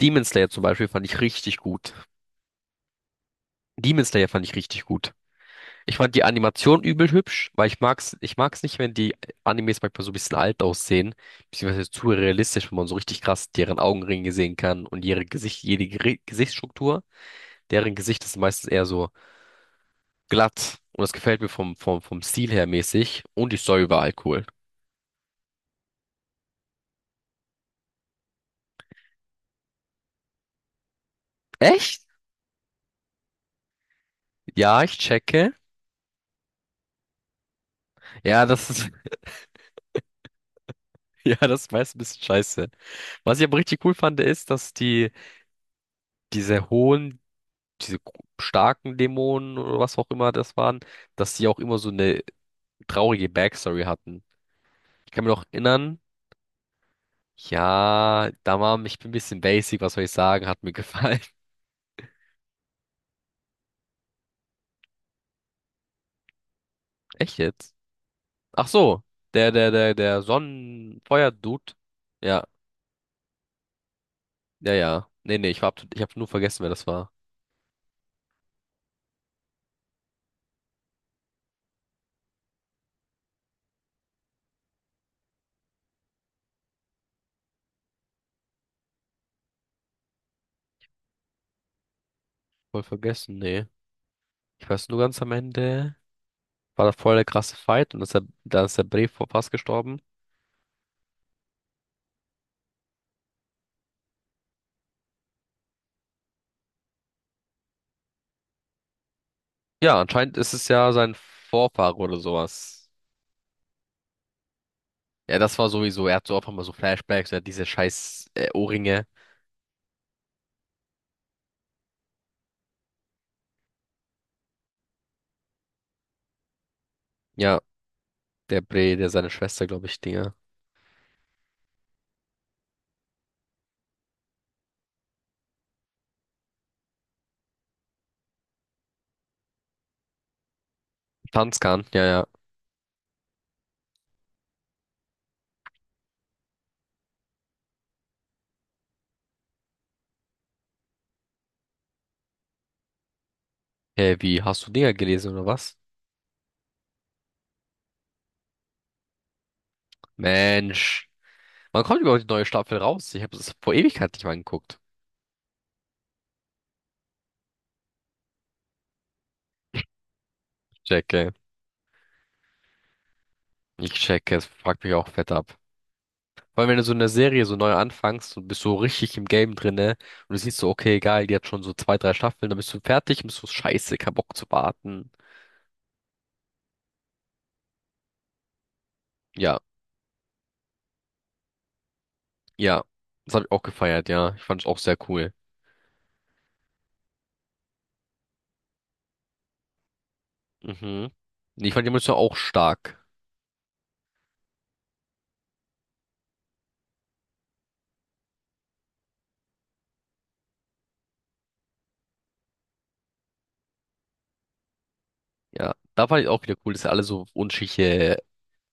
Demon Slayer zum Beispiel fand ich richtig gut. Demon Slayer fand ich richtig gut. Ich fand die Animation übel hübsch, weil ich mag's nicht, wenn die Animes manchmal so ein bisschen alt aussehen, beziehungsweise zu realistisch, wenn man so richtig krass deren Augenringe sehen kann und ihre Gesicht, jede Gesichtsstruktur. Deren Gesicht ist meistens eher so glatt und das gefällt mir vom Stil her mäßig und die Story war halt cool. Echt? Ja, ich checke. Ja, das ist, ja, das ist meist ein bisschen scheiße. Was ich aber richtig cool fand, ist, dass die diese hohen starken Dämonen oder was auch immer das waren, dass die auch immer so eine traurige Backstory hatten. Ich kann mir noch erinnern, ja, da war ich bin ein bisschen basic, was soll ich sagen, hat mir gefallen. Echt jetzt? Ach so, der Sonnenfeuer-Dude. Ja, ja, ja. Nee, nee, ich hab nur vergessen, wer das war. Voll vergessen, nee. Ich weiß nur ganz am Ende, war da voll der krasse Fight und ist der, da ist der Brave vor fast gestorben. Ja, anscheinend ist es ja sein Vorfahre oder sowas. Ja, das war sowieso, er hat so auch immer so Flashbacks, er hat diese scheiß Ohrringe. Ja, der Bre, der seine Schwester, glaube ich, Dinger. Tanz, ja, ja. Hey, wie, hast du Dinger gelesen oder was? Mensch, wann kommt überhaupt die neue Staffel raus? Ich habe es vor Ewigkeit nicht mal geguckt. Ich checke, ich checke, es fuckt mich auch fett ab. Vor allem, wenn du so eine Serie so neu anfängst und bist so richtig im Game drinne und du siehst so, okay, geil, die hat schon so zwei, drei Staffeln, dann bist du fertig und bist so, scheiße, kein Bock zu warten. Ja, ja, das habe ich auch gefeiert, ja. Ich fand es auch sehr cool. Mhm. Nee, ich fand die Munition auch stark. Ja, da fand ich auch wieder cool, dass sie alle so unterschiedliche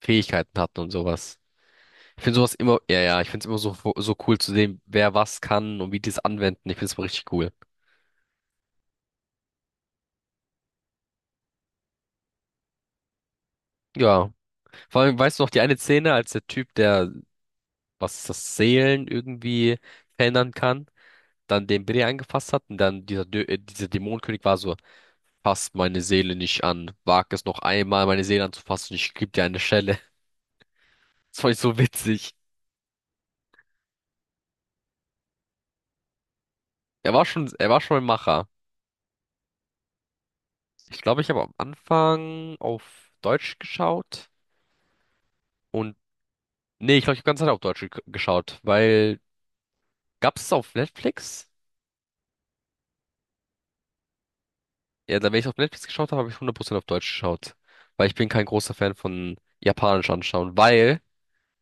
Fähigkeiten hatten und sowas. Ich finde sowas immer, ja, ja, ich finde es immer so, so cool zu sehen, wer was kann und wie die es anwenden. Ich finde es richtig cool. Ja, vor allem, weißt du noch, die eine Szene, als der Typ, der, was ist das, Seelen irgendwie verändern kann, dann den Brie angefasst hat und dann dieser, Dö dieser Dämonenkönig war so, fass meine Seele nicht an, wag es noch einmal, meine Seele anzufassen, ich geb dir eine Schelle. Das fand ich so witzig. Er war schon ein Macher. Ich glaube, ich habe am Anfang auf Deutsch geschaut und nee, ich glaube, ich habe ganze Zeit auf Deutsch geschaut, weil gab es auf Netflix? Ja, dann, wenn ich auf Netflix geschaut habe, habe ich 100% auf Deutsch geschaut, weil ich bin kein großer Fan von Japanisch anschauen, weil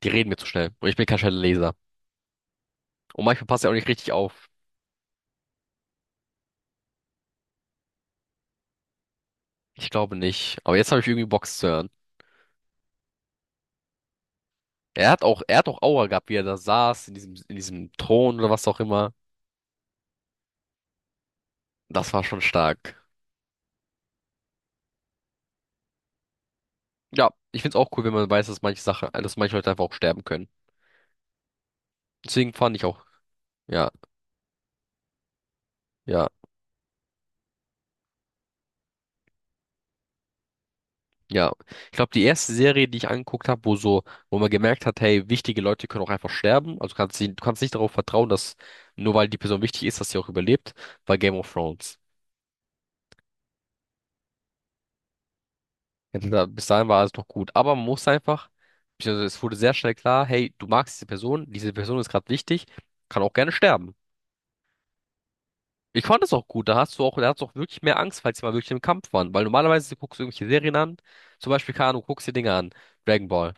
die reden mir zu schnell und ich bin kein schneller Leser. Und manchmal passt er auch nicht richtig auf. Ich glaube nicht. Aber jetzt habe ich irgendwie Bock es zu hören. Er hat auch Aura gehabt, wie er da saß, in diesem Thron oder was auch immer. Das war schon stark. Ja, ich find's auch cool, wenn man weiß, dass manche Sachen, dass manche Leute einfach auch sterben können. Deswegen fand ich auch, ja, ja, ja. Ich glaube, die erste Serie, die ich angeguckt habe, wo so, wo man gemerkt hat, hey, wichtige Leute können auch einfach sterben. Also kannst sie, du kannst nicht darauf vertrauen, dass nur weil die Person wichtig ist, dass sie auch überlebt, war Game of Thrones. Ja, da, bis dahin war alles noch gut. Aber man muss einfach, beziehungsweise es wurde sehr schnell klar, hey, du magst diese Person ist gerade wichtig, kann auch gerne sterben. Ich fand es auch gut. Da hast du auch wirklich mehr Angst, falls sie mal wirklich im Kampf waren. Weil normalerweise guckst du irgendwelche Serien an. Zum Beispiel, keine Ahnung, guckst dir Dinge an. Dragon Ball.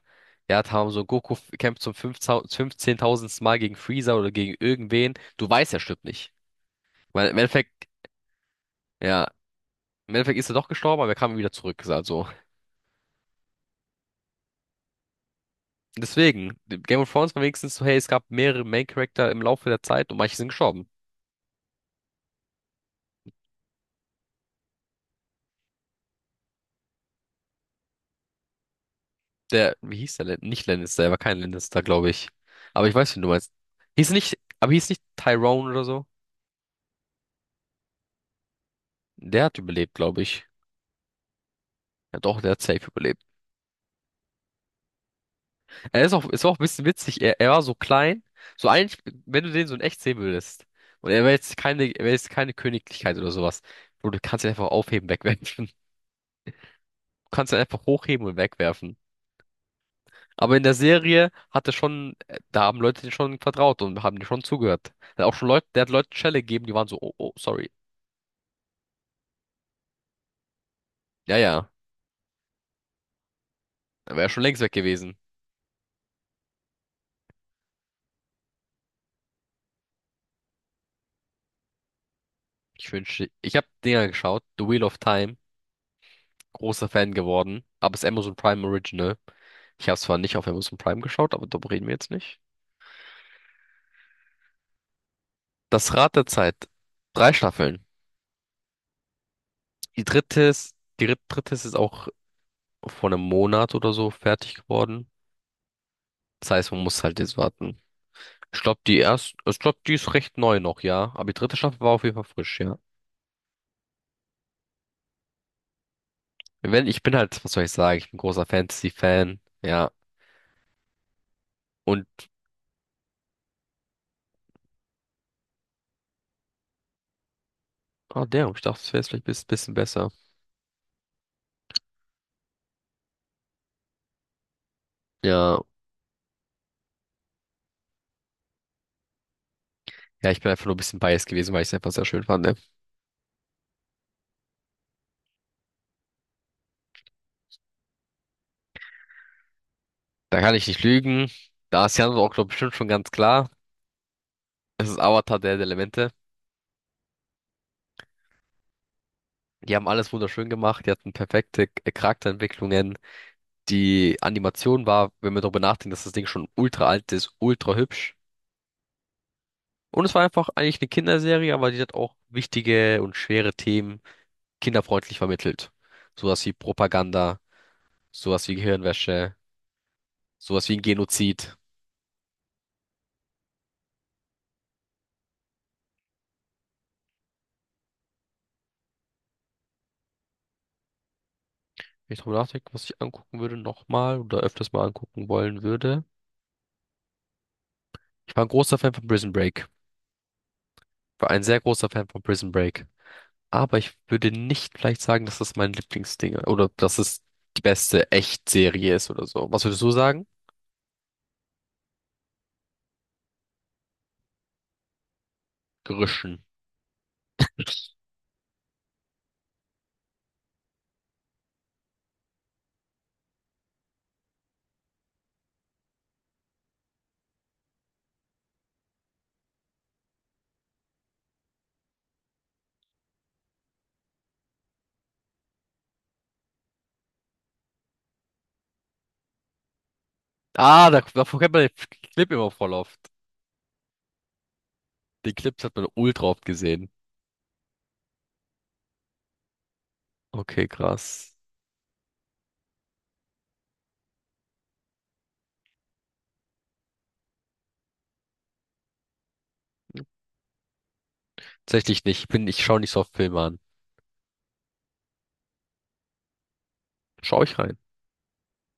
Ja, da haben so Goku kämpft zum 15.000. Mal gegen Freezer oder gegen irgendwen. Du weißt, er stirbt nicht. Weil im Endeffekt, ja, im Endeffekt ist er doch gestorben, aber er kam wieder zurück. Also, deswegen, Game of Thrones war wenigstens so, hey, es gab mehrere Main-Charakter im Laufe der Zeit und manche sind gestorben. Der, wie hieß der denn? Nicht Lannister, er war kein Lannister, glaube ich. Aber ich weiß, wen du meinst. Hieß nicht, aber hieß nicht Tyrone oder so? Der hat überlebt, glaube ich. Ja doch, der hat safe überlebt. Er ist auch ein bisschen witzig. Er war so klein. So eigentlich, wenn du den so in echt sehen würdest. Und er wäre jetzt keine Königlichkeit oder sowas. Bro, du kannst ihn einfach aufheben, wegwerfen. Du kannst ihn einfach hochheben und wegwerfen. Aber in der Serie hat er schon, da haben Leute den schon vertraut und haben den schon zugehört. Er hat auch schon Leute, der hat Leuten Schelle gegeben, die waren so, oh, oh, sorry. Ja, ja. Dann wäre schon längst weg gewesen. Ich wünschte, ich habe Dinger geschaut, The Wheel of Time, großer Fan geworden, aber es ist Amazon Prime Original. Ich habe zwar nicht auf Amazon Prime geschaut, aber darüber reden wir jetzt nicht. Das Rad der Zeit, drei Staffeln. Die dritte ist, dritte ist jetzt auch vor einem Monat oder so fertig geworden. Das heißt, man muss halt jetzt warten. Ich glaube, die erste, ich glaube, die ist recht neu noch, ja. Aber die dritte Staffel war auf jeden Fall frisch, ja. Wenn, ich bin halt, was soll ich sagen, ich bin großer Fantasy-Fan, ja. Und, ah, der, ich dachte, es wäre vielleicht ein bisschen besser. Ja, ja, ich bin einfach nur ein bisschen biased gewesen, weil ich es einfach sehr schön fand. Ne? Da kann ich nicht lügen. Da ist Jan auch, glaube bestimmt schon ganz klar. Es ist Avatar der Elemente. Die haben alles wunderschön gemacht. Die hatten perfekte Charakterentwicklungen. Die Animation war, wenn wir darüber nachdenken, dass das Ding schon ultra alt ist, ultra hübsch. Und es war einfach eigentlich eine Kinderserie, aber die hat auch wichtige und schwere Themen kinderfreundlich vermittelt. Sowas wie Propaganda, sowas wie Gehirnwäsche, sowas wie ein Genozid. Wenn ich drüber nachdenke, was ich angucken würde nochmal oder öfters mal angucken wollen würde. Ich war ein großer Fan von Prison Break. War ein sehr großer Fan von Prison Break. Aber ich würde nicht vielleicht sagen, dass das mein Lieblingsding oder dass es die beste Echtserie ist oder so. Was würdest du sagen? Grischen. Ah, da, davon kennt man den Clip immer voll oft. Die Clips hat man ultra oft gesehen. Okay, krass. Tatsächlich nicht. Ich schaue nicht so oft Filme an. Schau ich rein.